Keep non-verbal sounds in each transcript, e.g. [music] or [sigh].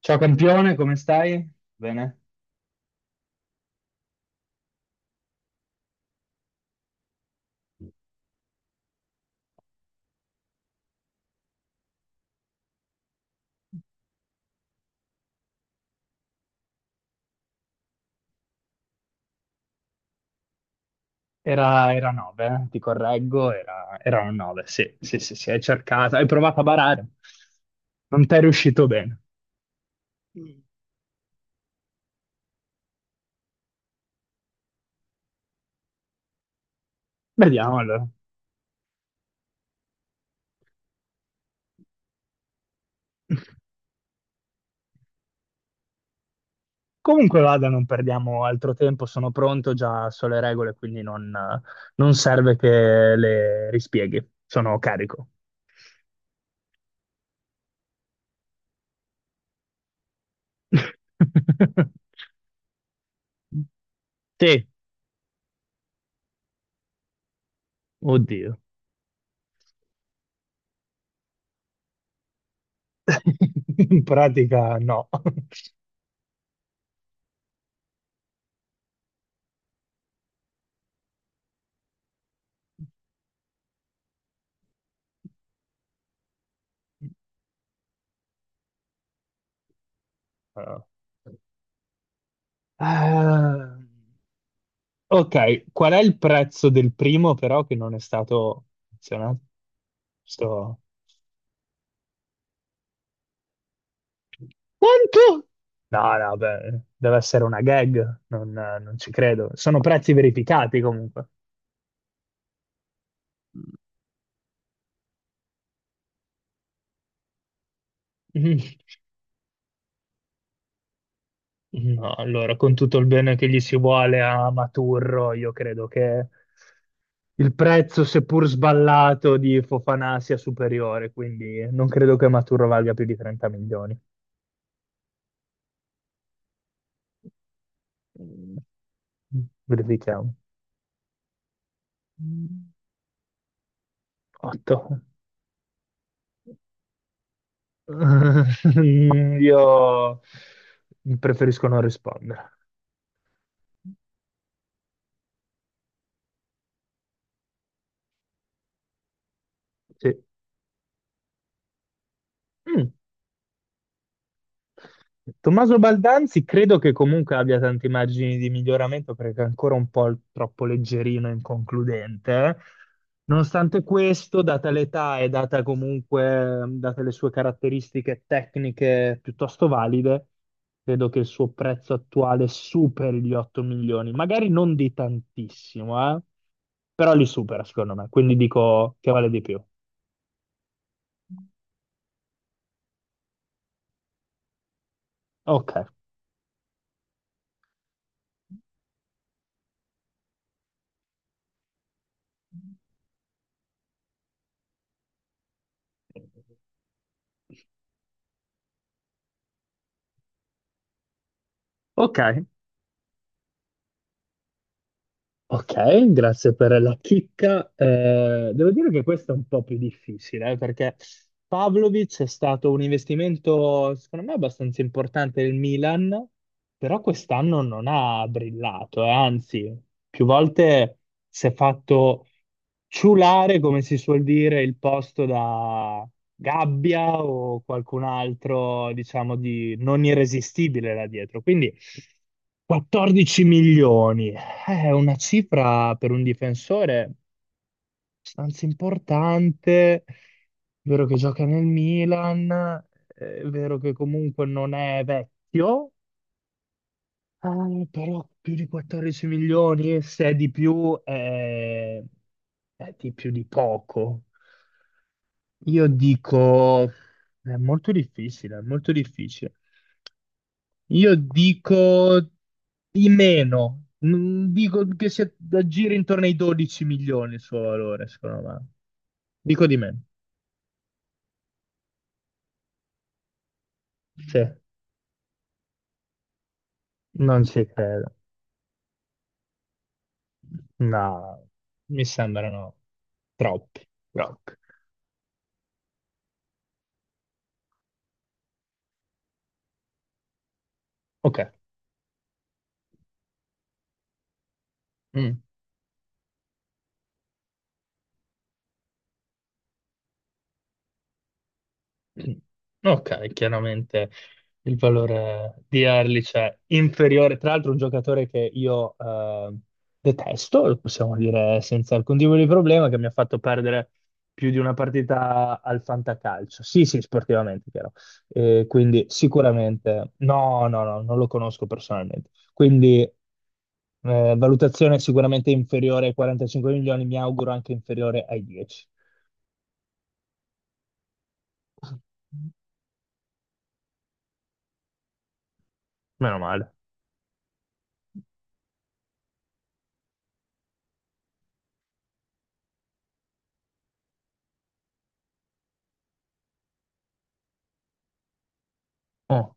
Ciao campione, come stai? Bene? Era 9, ti correggo, era, erano 9, sì, hai cercato, hai provato a barare, non ti è riuscito bene. Mm. Vediamo allora. Comunque vada, non perdiamo altro tempo, sono pronto, già so le regole, non serve che le rispieghi, sono carico. [laughs] Sì, oddio. [laughs] In pratica no. Allora. Ah, ok, qual è il prezzo del primo però che non è stato menzionato? Sto- Quanto? No, no, beh, deve essere una gag, non ci credo. Sono prezzi verificati comunque. [laughs] Mm. No, allora, con tutto il bene che gli si vuole a Maturro, io credo che il prezzo, seppur sballato, di Fofanà sia superiore, quindi non credo che Maturro valga più di 30 milioni. Mm, verifichiamo. Mm, otto. [laughs] Mm, io preferisco non rispondere. Sì. Mm. Tommaso Baldanzi credo che comunque abbia tanti margini di miglioramento perché è ancora un po' troppo leggerino e inconcludente, eh. Nonostante questo, data l'età e date le sue caratteristiche tecniche piuttosto valide, credo che il suo prezzo attuale superi gli 8 milioni. Magari non di tantissimo, però li supera, secondo me. Quindi dico che vale di più. Ok. Ok. Ok, grazie per la chicca. Devo dire che questo è un po' più difficile, perché Pavlovic è stato un investimento, secondo me, abbastanza importante del Milan, però quest'anno non ha brillato, anzi, più volte si è fatto ciulare, come si suol dire, il posto da Gabbia o qualcun altro, diciamo, di non irresistibile là dietro. Quindi 14 milioni è una cifra per un difensore abbastanza importante, è vero che gioca nel Milan, è vero che comunque non è vecchio, però più di 14 milioni, se è di più, è di più di poco. Io dico, è molto difficile, è molto difficile. Io dico di meno. Mm, dico che si aggira intorno ai 12 milioni il suo valore, secondo me. Dico di meno. Sì, non ci credo. No, mi sembrano troppi, troppi. Ok. Mm. Ok, chiaramente il valore di Erlich è inferiore. Tra l'altro, un giocatore che io detesto, lo possiamo dire senza alcun tipo di problema, che mi ha fatto perdere più di una partita al fantacalcio. Sì, sì, sportivamente, chiaro. Quindi sicuramente no, non lo conosco personalmente. Quindi valutazione sicuramente inferiore ai 45 milioni, mi auguro anche inferiore ai 10. Meno male. Oh.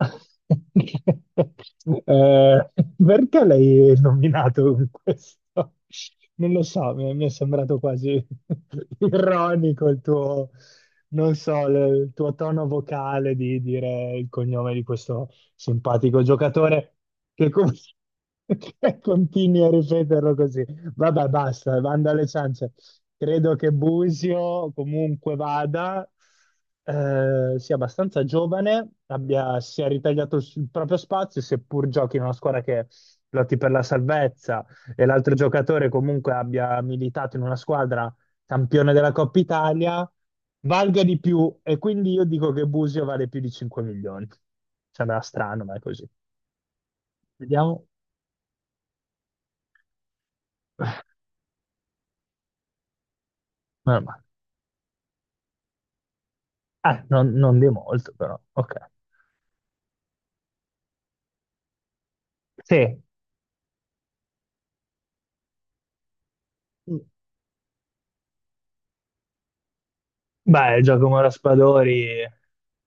[laughs] Eh, perché l'hai nominato con questo? Non lo so, mi è sembrato quasi [laughs] ironico il tuo, non so, il tuo tono vocale di dire il cognome di questo simpatico giocatore che, [laughs] che continui a ripeterlo così. Vabbè, basta, manda alle ciance. Credo che Busio, comunque vada, sia abbastanza giovane, abbia, sia ritagliato il proprio spazio, seppur giochi in una squadra che lotti per la salvezza e l'altro giocatore comunque abbia militato in una squadra campione della Coppa Italia, valga di più. E quindi io dico che Busio vale più di 5 milioni. Sembra strano, ma è così. Vediamo. Meno male. Non di molto, però. Ok. Sì. Beh, Giacomo Raspadori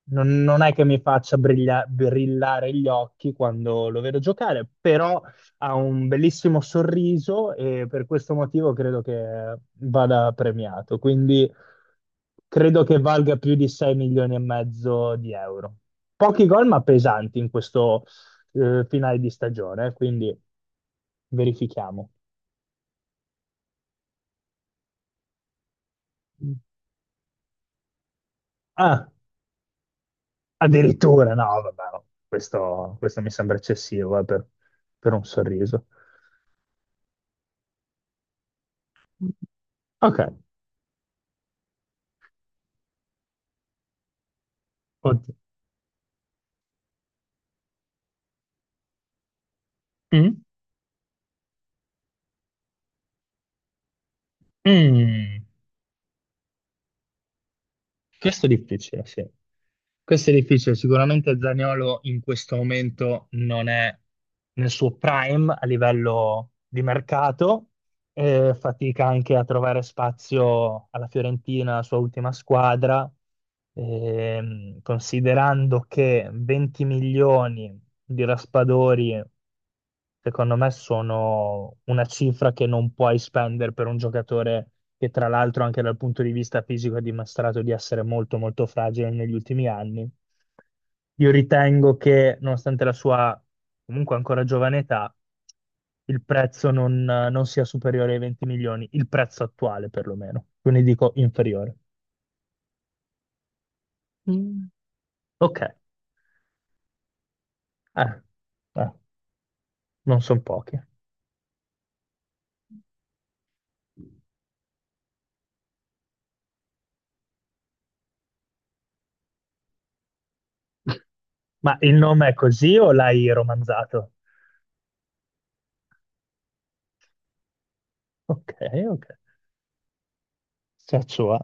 non è che mi faccia brillare gli occhi quando lo vedo giocare, però ha un bellissimo sorriso e per questo motivo credo che vada premiato. Quindi credo che valga più di 6 milioni e mezzo di euro. Pochi gol, ma pesanti in questo finale di stagione, quindi verifichiamo. Ah. Addirittura, no, vabbè, no. Questo mi sembra eccessivo eh, per un sorriso. Ok, oddio. Mm? Mm. Questo è difficile, sì. Questo è difficile. Sicuramente Zaniolo in questo momento non è nel suo prime a livello di mercato, fatica anche a trovare spazio alla Fiorentina, la sua ultima squadra. Considerando che 20 milioni di raspadori, secondo me, sono una cifra che non puoi spendere per un giocatore che, tra l'altro, anche dal punto di vista fisico ha dimostrato di essere molto, molto fragile negli ultimi anni. Io ritengo che, nonostante la sua comunque ancora giovane età, il prezzo non sia superiore ai 20 milioni, il prezzo attuale perlomeno, quindi dico inferiore. Mm. Ok, eh, eh, non sono pochi. Ma il nome è così o l'hai romanzato? Okay, okay. Ciacciua.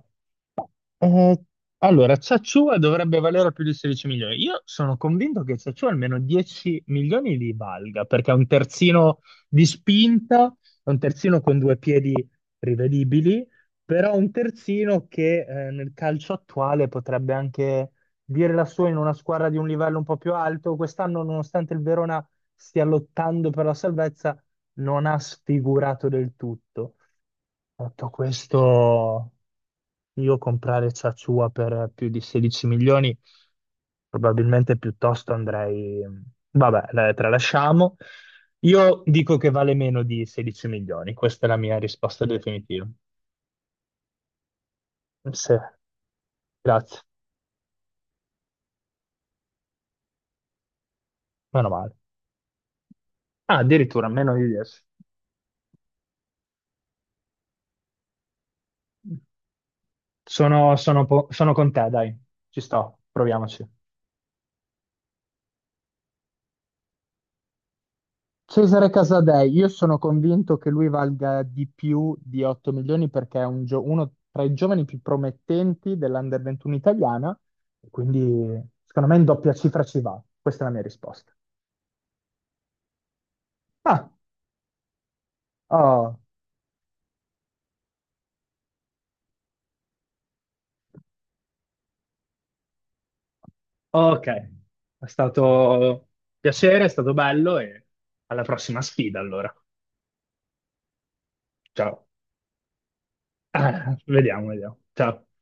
Eh, allora, Ciacciua dovrebbe valere più di 16 milioni. Io sono convinto che Ciacciua almeno 10 milioni li valga, perché è un terzino di spinta, è un terzino con due piedi rivedibili, però un terzino che nel calcio attuale potrebbe anche dire la sua in una squadra di un livello un po' più alto. Quest'anno, nonostante il Verona stia lottando per la salvezza, non ha sfigurato del tutto. Detto questo, io comprare Sassuolo per più di 16 milioni, probabilmente piuttosto andrei... Vabbè, la tralasciamo. Io dico che vale meno di 16 milioni, questa è la mia risposta definitiva. Sì, grazie, meno male. Ah, addirittura meno di 10. Sono con te, dai, ci sto, proviamoci. Cesare Casadei, io sono convinto che lui valga di più di 8 milioni perché è un uno tra i giovani più promettenti dell'Under 21 italiana, e quindi secondo me in doppia cifra ci va. Questa è la mia risposta. Ah, oh, ok, è stato piacere, è stato bello e alla prossima sfida allora. Ciao. [laughs] Ah, vediamo, vediamo. Ciao.